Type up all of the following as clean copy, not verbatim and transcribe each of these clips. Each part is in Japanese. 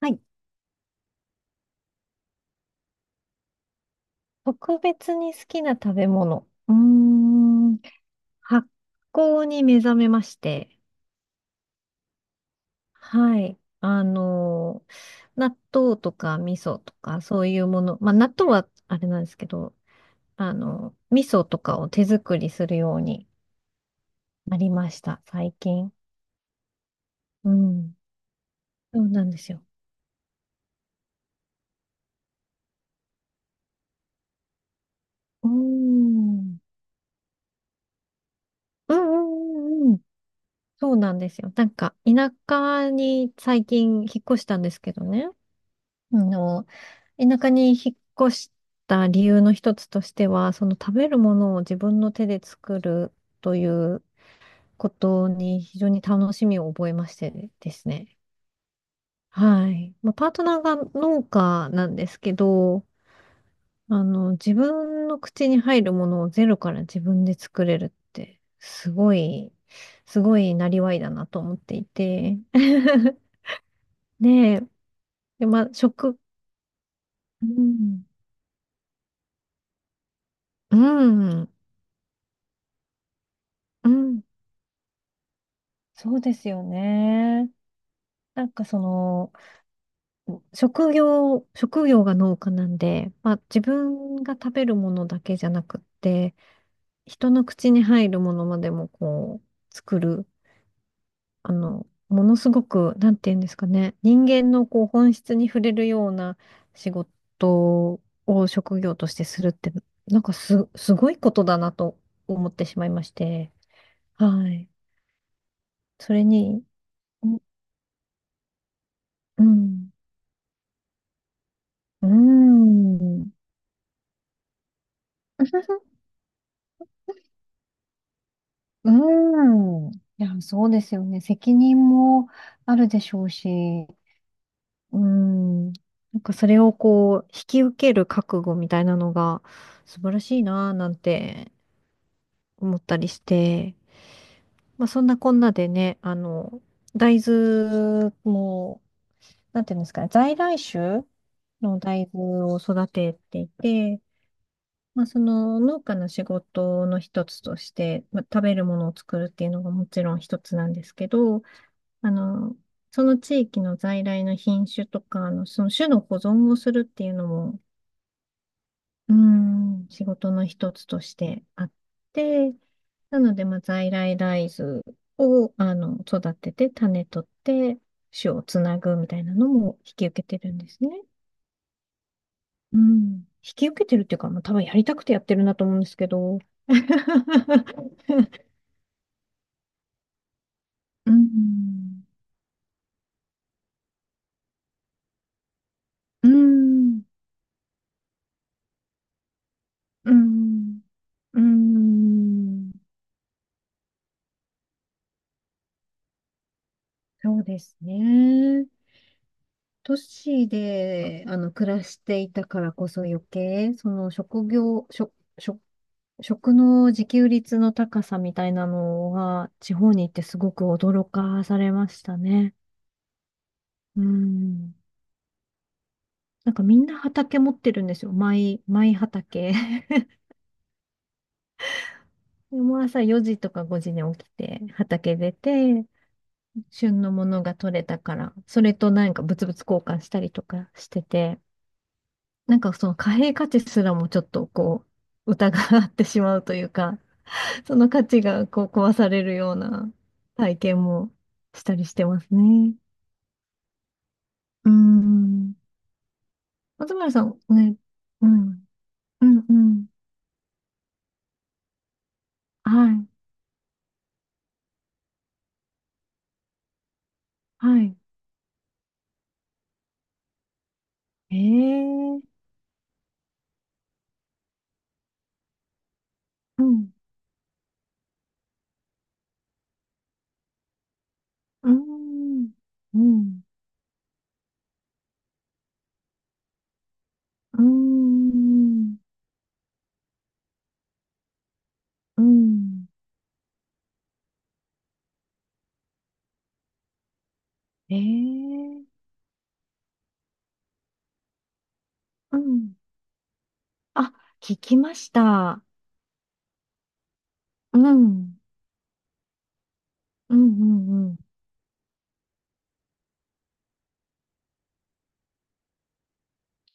はい。特別に好きな食べ物。うーん。発酵に目覚めまして。はい。納豆とか味噌とかそういうもの。まあ、納豆はあれなんですけど、味噌とかを手作りするようになりました。最近。うん。そうなんですよ。うーん。うんうんうんうん。そうなんですよ。なんか、田舎に最近引っ越したんですけどね。あの田舎に引っ越した理由の一つとしては、その食べるものを自分の手で作るということに非常に楽しみを覚えましてですね。はい。まあ、パートナーが農家なんですけど、自分の口に入るものをゼロから自分で作れるって、すごいなりわいだなと思っていて。ねえ。で、まあ、うん、うん、うんそうですよね。なんかその、職業が農家なんで、まあ自分が食べるものだけじゃなくって、人の口に入るものまでもこう、作る、ものすごく、なんて言うんですかね、人間のこう本質に触れるような仕事を職業としてするって、なんかすごいことだなと思ってしまいまして、はい。それに、うん、うん。うーんうーん。いや、そうですよね。責任もあるでしょうし、うーん。なんかそれをこう、引き受ける覚悟みたいなのが素晴らしいなぁなんて思ったりして、まあそんなこんなでね、大豆も、なんていうんですかね、在来種の大豆を育てていて、まあ、その農家の仕事の一つとして、まあ、食べるものを作るっていうのがもちろん一つなんですけど、あの、その地域の在来の品種とか、その種の保存をするっていうのも、うん、仕事の一つとしてあって、なので、まあ、在来大豆を、育てて、種取って、種をつなぐみたいなのも引き受けてるんですね。うん。引き受けてるっていうか、まあ、多分やりたくてやってるなと思うんですけど。うん。うん。うん。うん。うんそうですね。都市で、暮らしていたからこそ余計、その職業、食、食、食の自給率の高さみたいなのが地方に行ってすごく驚かされましたね。うん。なんかみんな畑持ってるんですよ。マイ畑。でもう朝4時とか5時に起きて畑出て、旬のものが取れたから、それとなんかブツブツ交換したりとかしてて、なんかその貨幣価値すらもちょっとこう、疑ってしまうというか、その価値がこう壊されるような体験もしたりしてますね。うん。松村さん、ね、うん、うん、うん。はい、はい。ええうん、うん、うん、うん、うん。ええうん。あ、聞きました。うん、うん、うん、うん。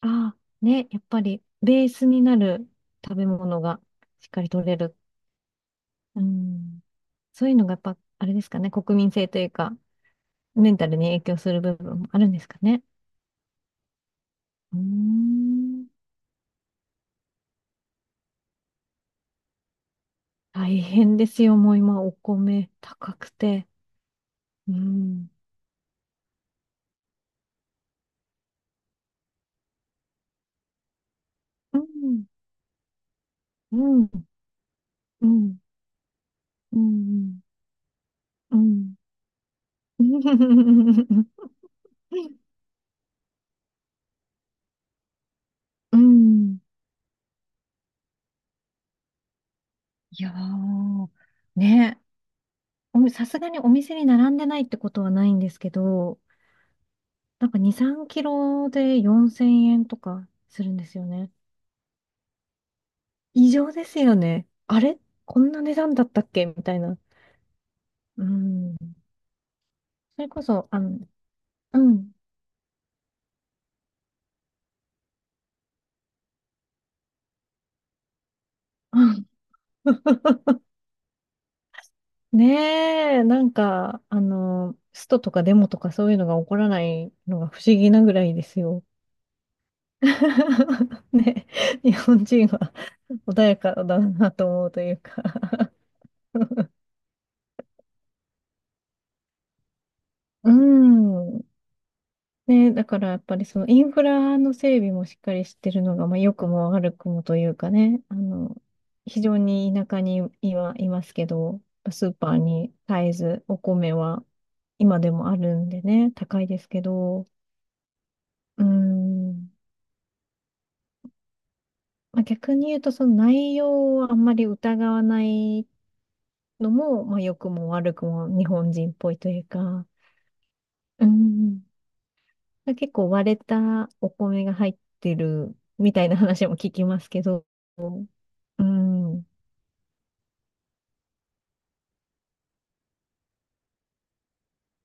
ああ、ね、やっぱりベースになる食べ物がしっかり取れる。うん。そういうのがやっぱ、あれですかね、国民性というか、メンタルに影響する部分もあるんですかね。うーん。大変ですよ、もう今、お米高くて。うん。うん。うん。うん。うん。うん。うん。うんいやー、ね、さすがにお店に並んでないってことはないんですけど、なんか2、3キロで4000円とかするんですよね。異常ですよね。あれこんな値段だったっけみたいな。うん。それこそ、うん。あ ねえ、なんか、ストとかデモとかそういうのが起こらないのが不思議なぐらいですよ。ね、日本人は穏やかだなと思うというか うん。ね、だからやっぱりそのインフラの整備もしっかりしてるのが、まあ、良くも悪くもというかね、非常に田舎に今いますけど、スーパーに絶えずお米は今でもあるんでね、高いですけど、うーん、まあ、逆に言うとその内容をあんまり疑わないのも、まあ、良くも悪くも日本人っぽいというか、うん、結構割れたお米が入ってるみたいな話も聞きますけど、うん、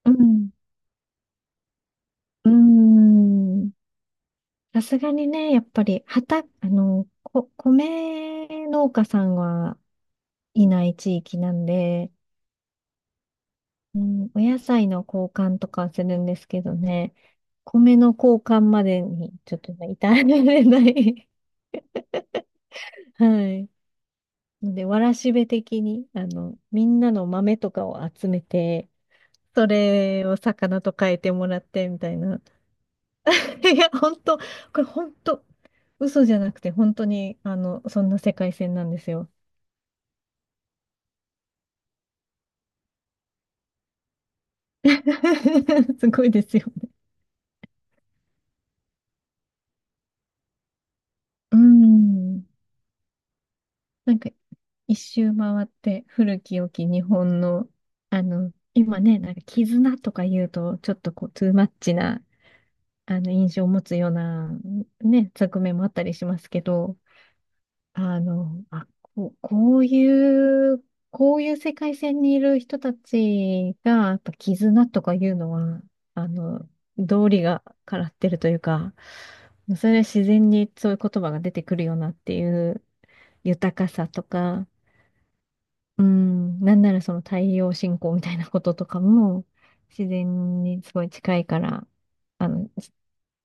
うん、うん。さすがにね、やっぱり、畑、あの、こ、米農家さんはいない地域なんで、うん、お野菜の交換とかはするんですけどね、米の交換までにちょっとね至られない はい。ので、わらしべ的に、みんなの豆とかを集めて、それを魚と変えてもらってみたいな いや、本当、れ本当、嘘じゃなくて、本当に、そんな世界線なんですよ。すごいですよ。うん。なんか、一周回って、古き良き日本の、今ね、なんか、絆とか言うと、ちょっとこう、トゥーマッチな、印象を持つような、ね、側面もあったりしますけど、あの、あ、こう、こういう、こういう世界線にいる人たちが、やっぱ絆とかいうのは、あの、道理がからってるというか、それは自然にそういう言葉が出てくるよなっていう豊かさとか、うん、なんならその太陽信仰みたいなこととかも、自然にすごい近いから、あの、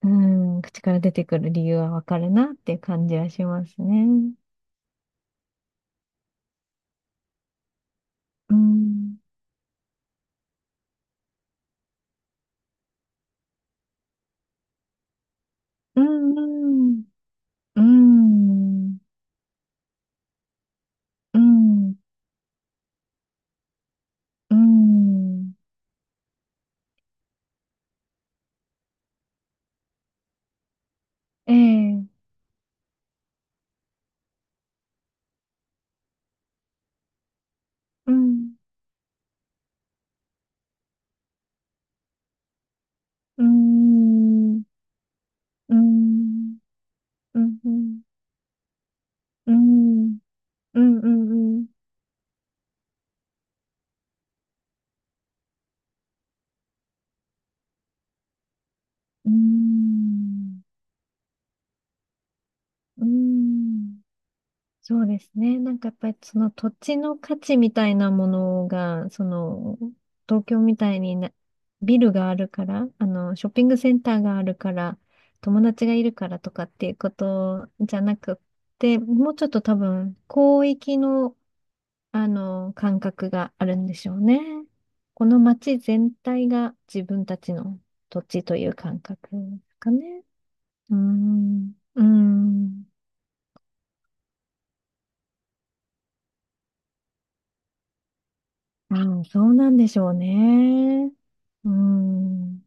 うん、口から出てくる理由はわかるなっていう感じはしますね。うんうんうんうんうんうんえうんうんうんうんうんうんうんうんうんうんうんうんうん。そうですね。なんかやっぱりその土地の価値みたいなものが、その東京みたいになビルがあるから、ショッピングセンターがあるから、友達がいるからとかっていうことじゃなくって、もうちょっと多分広域の、あの感覚があるんでしょうね。この街全体が自分たちの土地という感覚ですかね。うーん、うーん、うん、そうなんでしょうね。うーん。